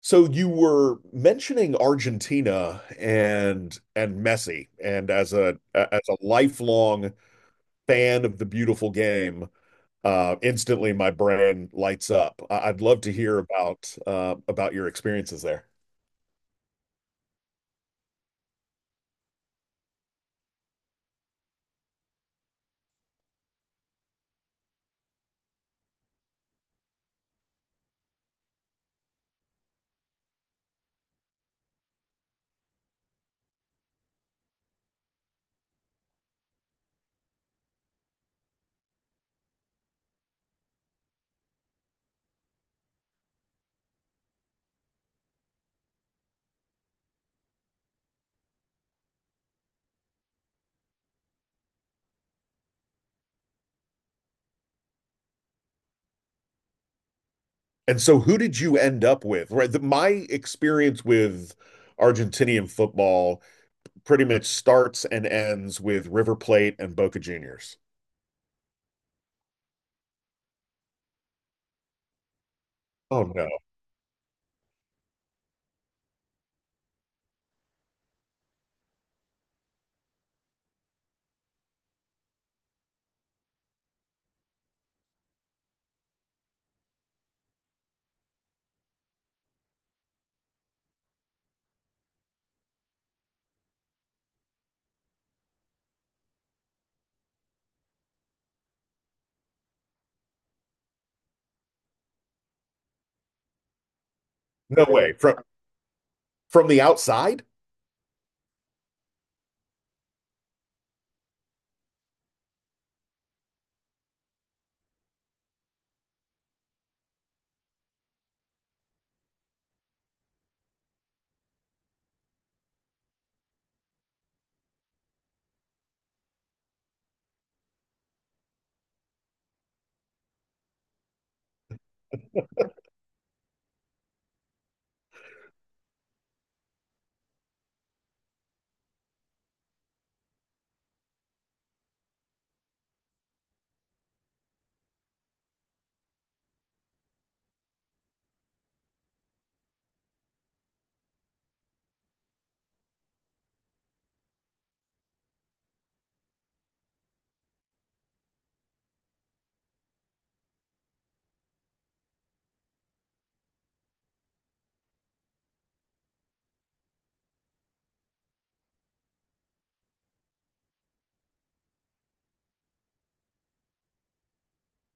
So you were mentioning Argentina and Messi, and as a lifelong fan of the beautiful game, instantly my brain lights up. I'd love to hear about your experiences there. And so, who did you end up with? Right, the, my experience with Argentinian football pretty much starts and ends with River Plate and Boca Juniors. Oh no, no way! From the outside?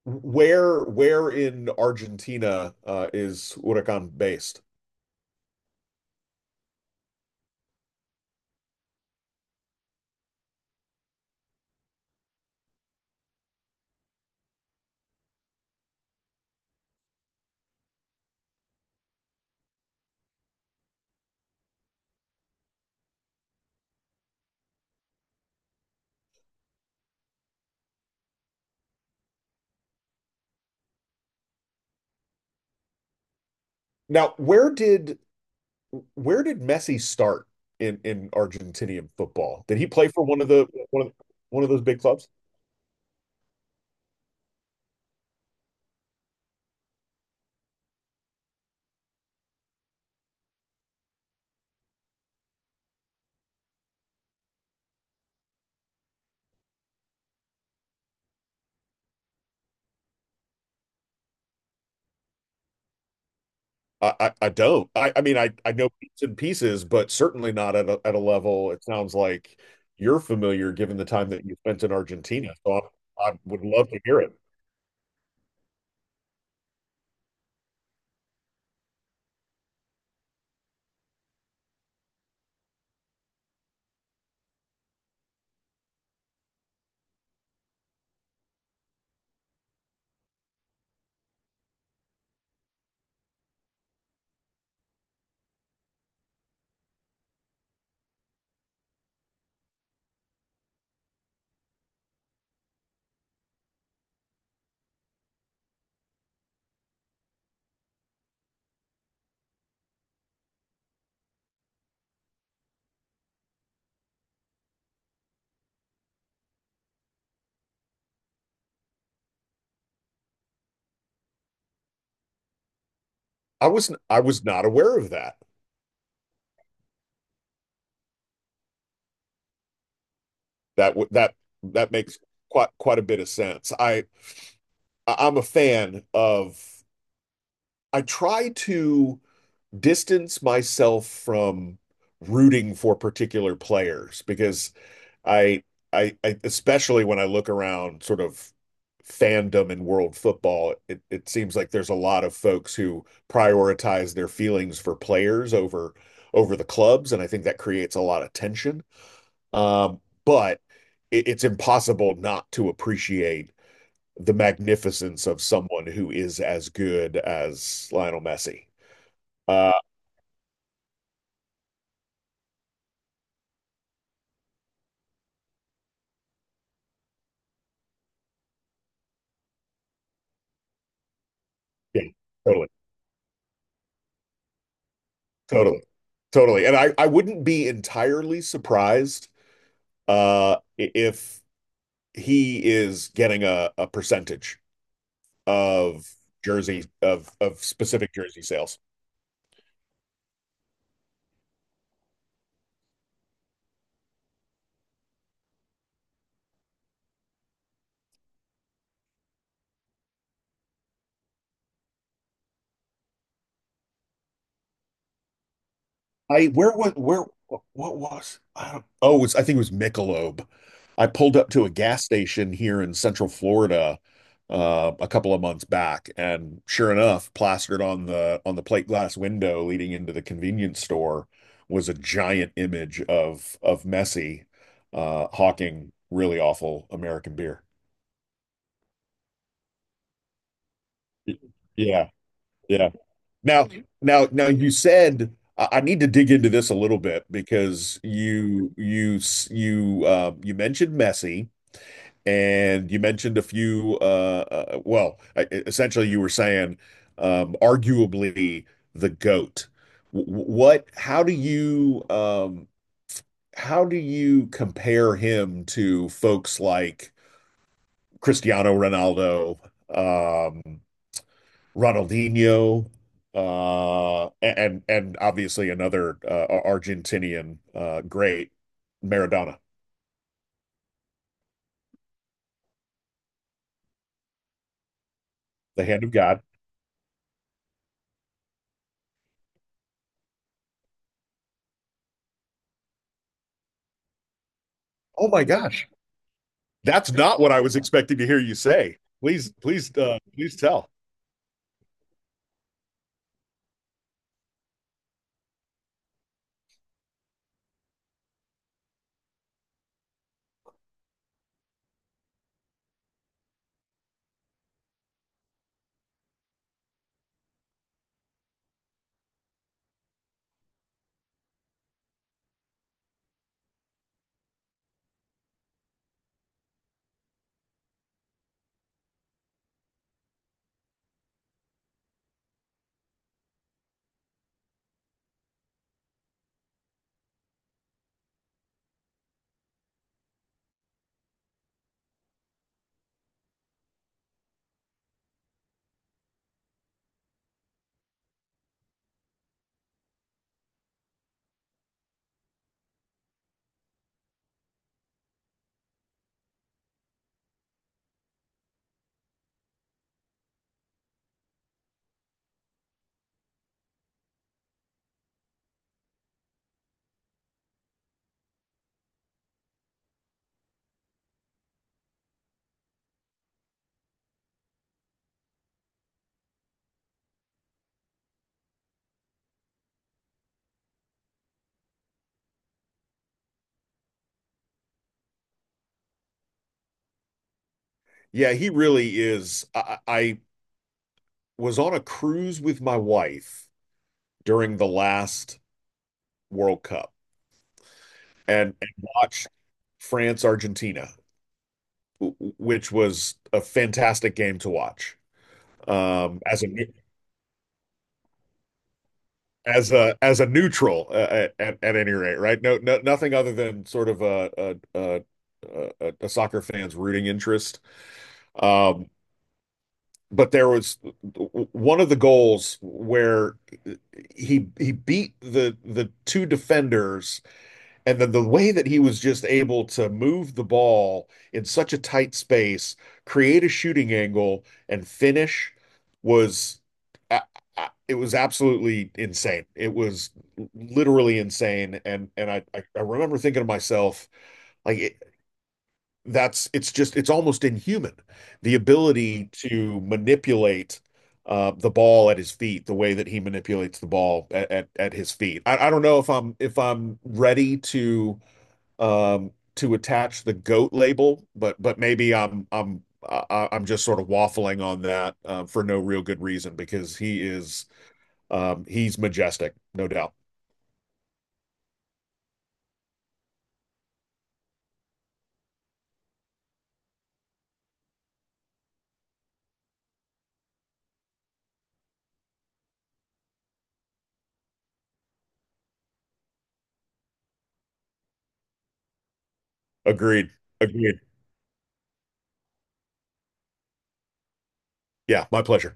Where in Argentina is Huracan based? Now, where did Messi start in Argentinian football? Did he play for one of the one of those big clubs? I don't. I mean I know bits and pieces, but certainly not at at a level it sounds like you're familiar given the time that you spent in Argentina. So I would love to hear it. I was not aware of that. That that makes quite quite a bit of sense. I- am a fan of, I try to distance myself from rooting for particular players because I, I especially when I look around sort of fandom in world football, it seems like there's a lot of folks who prioritize their feelings for players over over the clubs, and I think that creates a lot of tension. But it's impossible not to appreciate the magnificence of someone who is as good as Lionel Messi. Uh, yeah, totally, totally, totally. And I wouldn't be entirely surprised uh, if he is getting a percentage of jersey of specific jersey sales. I where was where what was I don't oh it I think it was Michelob. I pulled up to a gas station here in Central Florida a couple of months back, and sure enough, plastered on the plate glass window leading into the convenience store was a giant image of Messi hawking really awful American beer. Y- Yeah, yeah. Now, now you said I need to dig into this a little bit because you you you mentioned Messi and you mentioned a few essentially you were saying arguably the GOAT. Wh- What how do you compare him to folks like Cristiano Ronaldo, um Ronaldinho, and obviously another Argentinian great, Maradona, the hand of God. Oh my gosh, that's not what I was expecting to hear you say. Please, please, please tell. Yeah, he really is. I was on a cruise with my wife during the last World Cup and watched France Argentina, which was a fantastic game to watch. Um, as a as a neutral at any rate, right? No, no, nothing other than sort of a, soccer fan's rooting interest. Um, but there was one of the goals where he beat the two defenders and then the way that he was just able to move the ball in such a tight space, create a shooting angle, and finish was uh, it was absolutely insane. It was literally insane. And I remember thinking to myself, like it, it's just it's almost inhuman, the ability to manipulate the ball at his feet, the way that he manipulates the ball at at his feet. I don't know if I'm ready to attach the goat label, but maybe I'm just sort of waffling on that for no real good reason because he is he's majestic, no doubt. Agreed. Agreed. Yeah, my pleasure.